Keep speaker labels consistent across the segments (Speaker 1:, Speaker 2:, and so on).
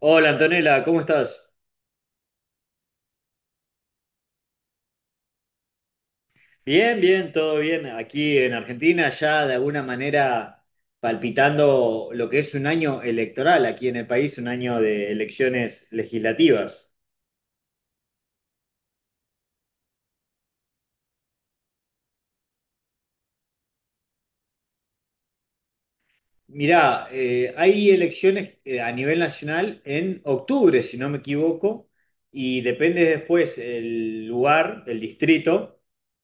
Speaker 1: Hola Antonella, ¿cómo estás? Bien, bien, todo bien. Aquí en Argentina ya de alguna manera palpitando lo que es un año electoral aquí en el país, un año de elecciones legislativas. Mirá, hay elecciones a nivel nacional en octubre, si no me equivoco, y depende después el lugar, el distrito.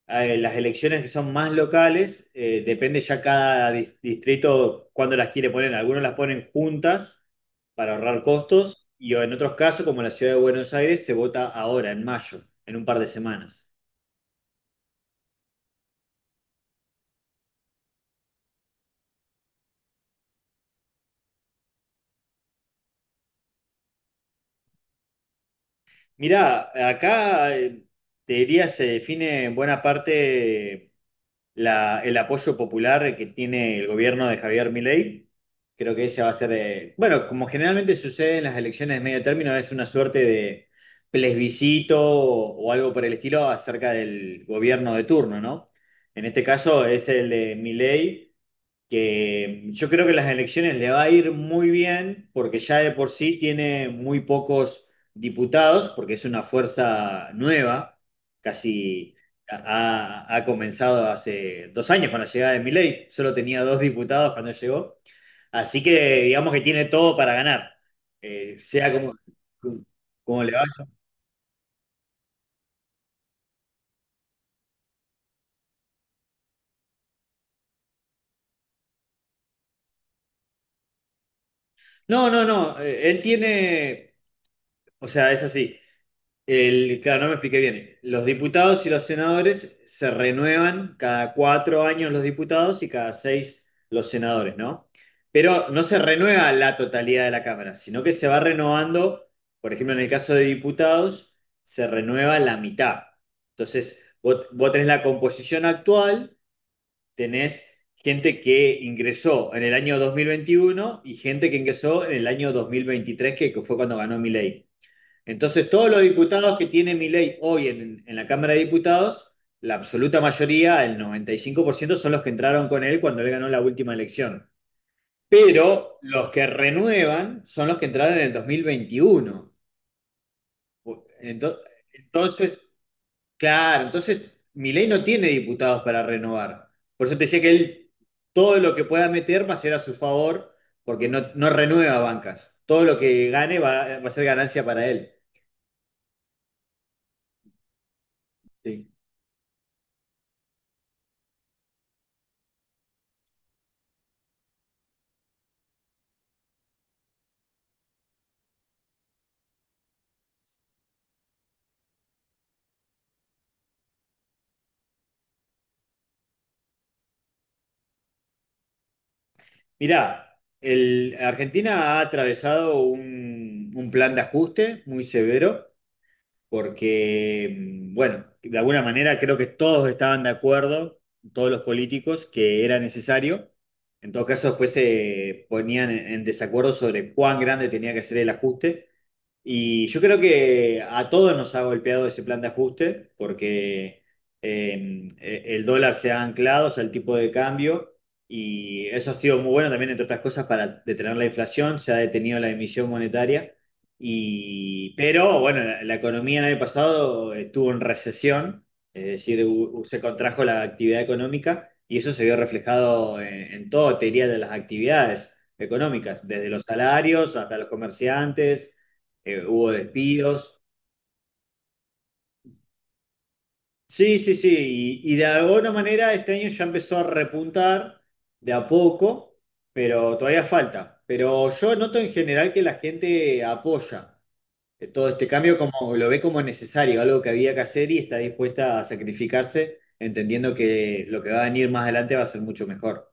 Speaker 1: Las elecciones que son más locales, depende ya cada distrito cuándo las quiere poner. Algunos las ponen juntas para ahorrar costos, y en otros casos, como en la ciudad de Buenos Aires, se vota ahora, en mayo, en un par de semanas. Mirá, acá, te diría se define en buena parte el apoyo popular que tiene el gobierno de Javier Milei. Creo que ella va a ser, bueno, como generalmente sucede en las elecciones de medio término, es una suerte de plebiscito o algo por el estilo acerca del gobierno de turno, ¿no? En este caso es el de Milei, que yo creo que las elecciones le va a ir muy bien, porque ya de por sí tiene muy pocos diputados, porque es una fuerza nueva, casi ha comenzado hace 2 años con la llegada de Milei, solo tenía dos diputados cuando llegó, así que digamos que tiene todo para ganar, sea como le va. No, no, no, él tiene, o sea, es así. Claro, no me expliqué bien. Los diputados y los senadores se renuevan cada 4 años los diputados y cada seis los senadores, ¿no? Pero no se renueva la totalidad de la Cámara, sino que se va renovando, por ejemplo, en el caso de diputados, se renueva la mitad. Entonces, vos tenés la composición actual, tenés gente que ingresó en el año 2021 y gente que ingresó en el año 2023, que fue cuando ganó mi ley. Entonces, todos los diputados que tiene mi hoy en la Cámara de Diputados, la absoluta mayoría, el 95%, son los que entraron con él cuando él ganó la última elección. Pero los que renuevan son los que entraron en el 2021. Entonces, entonces, claro, entonces mi no tiene diputados para renovar. Por eso te decía que él todo lo que pueda meter va a ser a su favor, porque no renueva bancas. Todo lo que gane va a ser ganancia para él. Sí. Mirá, Argentina ha atravesado un plan de ajuste muy severo porque, bueno, de alguna manera creo que todos estaban de acuerdo, todos los políticos, que era necesario. En todo caso, después se ponían en desacuerdo sobre cuán grande tenía que ser el ajuste. Y yo creo que a todos nos ha golpeado ese plan de ajuste, porque el dólar se ha anclado, o sea, el tipo de cambio, y eso ha sido muy bueno también, entre otras cosas, para detener la inflación, se ha detenido la emisión monetaria, y, pero bueno, la economía el año pasado estuvo en recesión, es decir, se contrajo la actividad económica, y eso se vio reflejado en todo, te diría, de las actividades económicas, desde los salarios hasta los comerciantes. Hubo despidos. Sí, sí, sí, y de alguna manera este año ya empezó a repuntar de a poco, pero todavía falta. Pero yo noto en general que la gente apoya todo este cambio, como lo ve como necesario, algo que había que hacer y está dispuesta a sacrificarse, entendiendo que lo que va a venir más adelante va a ser mucho mejor.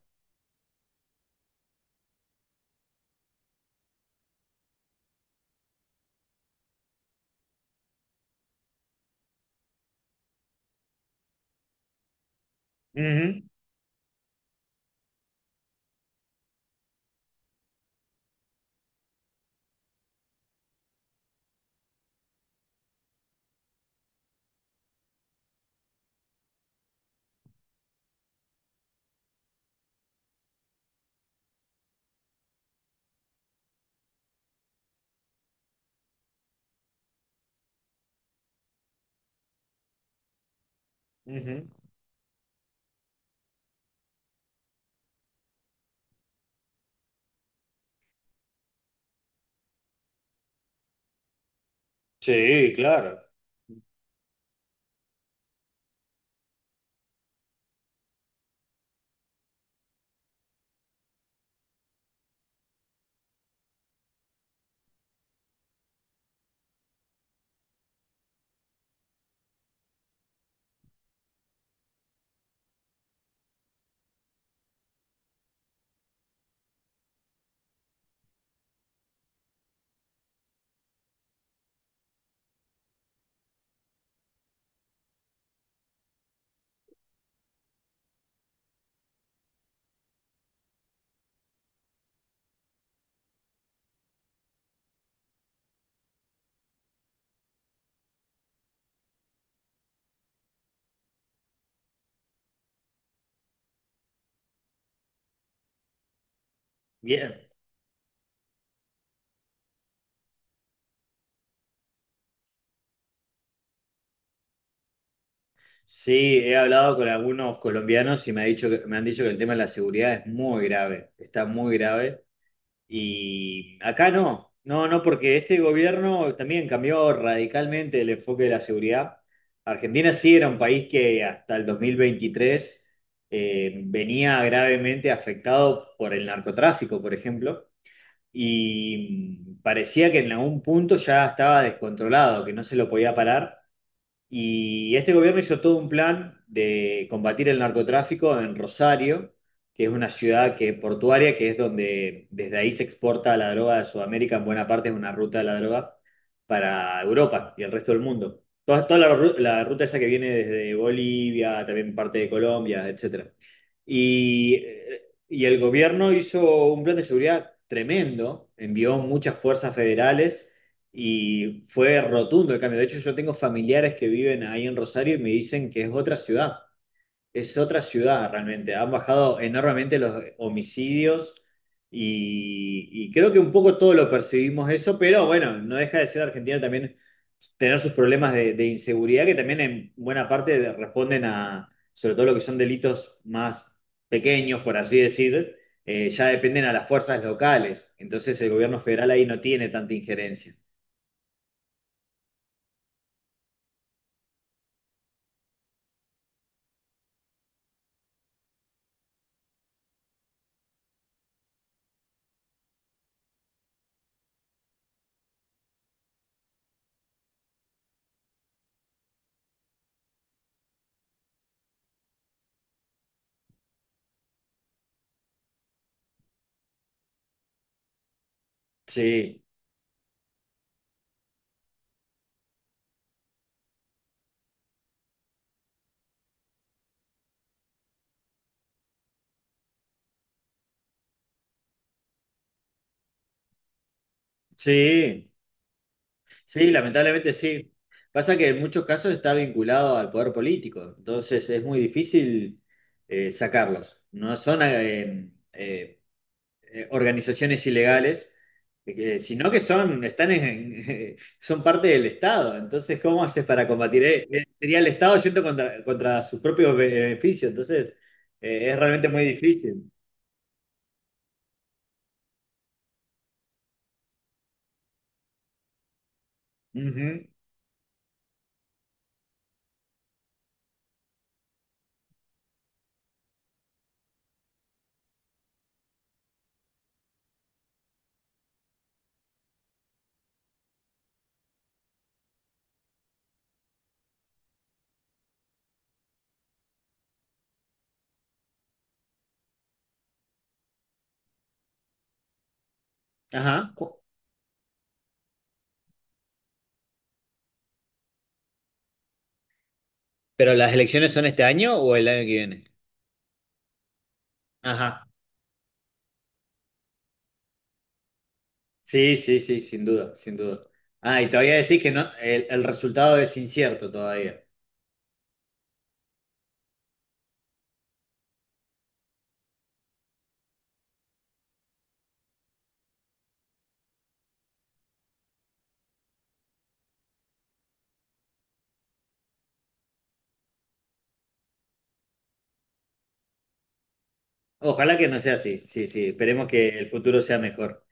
Speaker 1: Ujú, ujú. Sí, claro. Bien. Sí, he hablado con algunos colombianos y me ha dicho me han dicho que el tema de la seguridad es muy grave, está muy grave. Y acá no, no, no, porque este gobierno también cambió radicalmente el enfoque de la seguridad. Argentina sí era un país que hasta el 2023 venía gravemente afectado por el narcotráfico, por ejemplo, y parecía que en algún punto ya estaba descontrolado, que no se lo podía parar. Y este gobierno hizo todo un plan de combatir el narcotráfico en Rosario, que es una ciudad que, portuaria, que es donde desde ahí se exporta la droga de Sudamérica, en buena parte es una ruta de la droga para Europa y el resto del mundo. Toda, toda la ruta esa que viene desde Bolivia, también parte de Colombia, etcétera. Y, eh, y el gobierno hizo un plan de seguridad tremendo, envió muchas fuerzas federales y fue rotundo el cambio. De hecho, yo tengo familiares que viven ahí en Rosario y me dicen que es otra ciudad realmente. Han bajado enormemente los homicidios, y creo que un poco todo lo percibimos eso, pero bueno, no deja de ser Argentina también tener sus problemas de inseguridad, que también en buena parte responden a, sobre todo lo que son delitos más pequeños, por así decir. Ya dependen a las fuerzas locales. Entonces el gobierno federal ahí no tiene tanta injerencia. Sí, sí. Sí, lamentablemente sí. Pasa que en muchos casos está vinculado al poder político, entonces es muy difícil sacarlos. No son organizaciones ilegales, sino que son, son parte del Estado. Entonces, ¿cómo haces para combatir? Sería el Estado yendo contra sus propios beneficios. Entonces, es realmente muy difícil. Ujú. Ajá. ¿Pero las elecciones son este año o el año que viene? Ajá. Sí, sí, sí, sin duda, sin duda. Ah, y te voy a decir que no, el resultado es incierto todavía. Ojalá que no sea así, sí, sí, esperemos que el futuro sea mejor.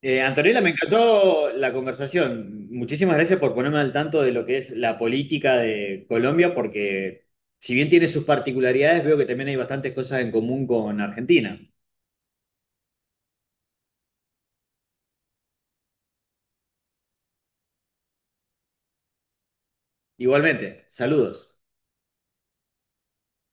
Speaker 1: Antonella, me encantó la conversación. Muchísimas gracias por ponerme al tanto de lo que es la política de Colombia, porque si bien tiene sus particularidades, veo que también hay bastantes cosas en común con Argentina. Igualmente, saludos.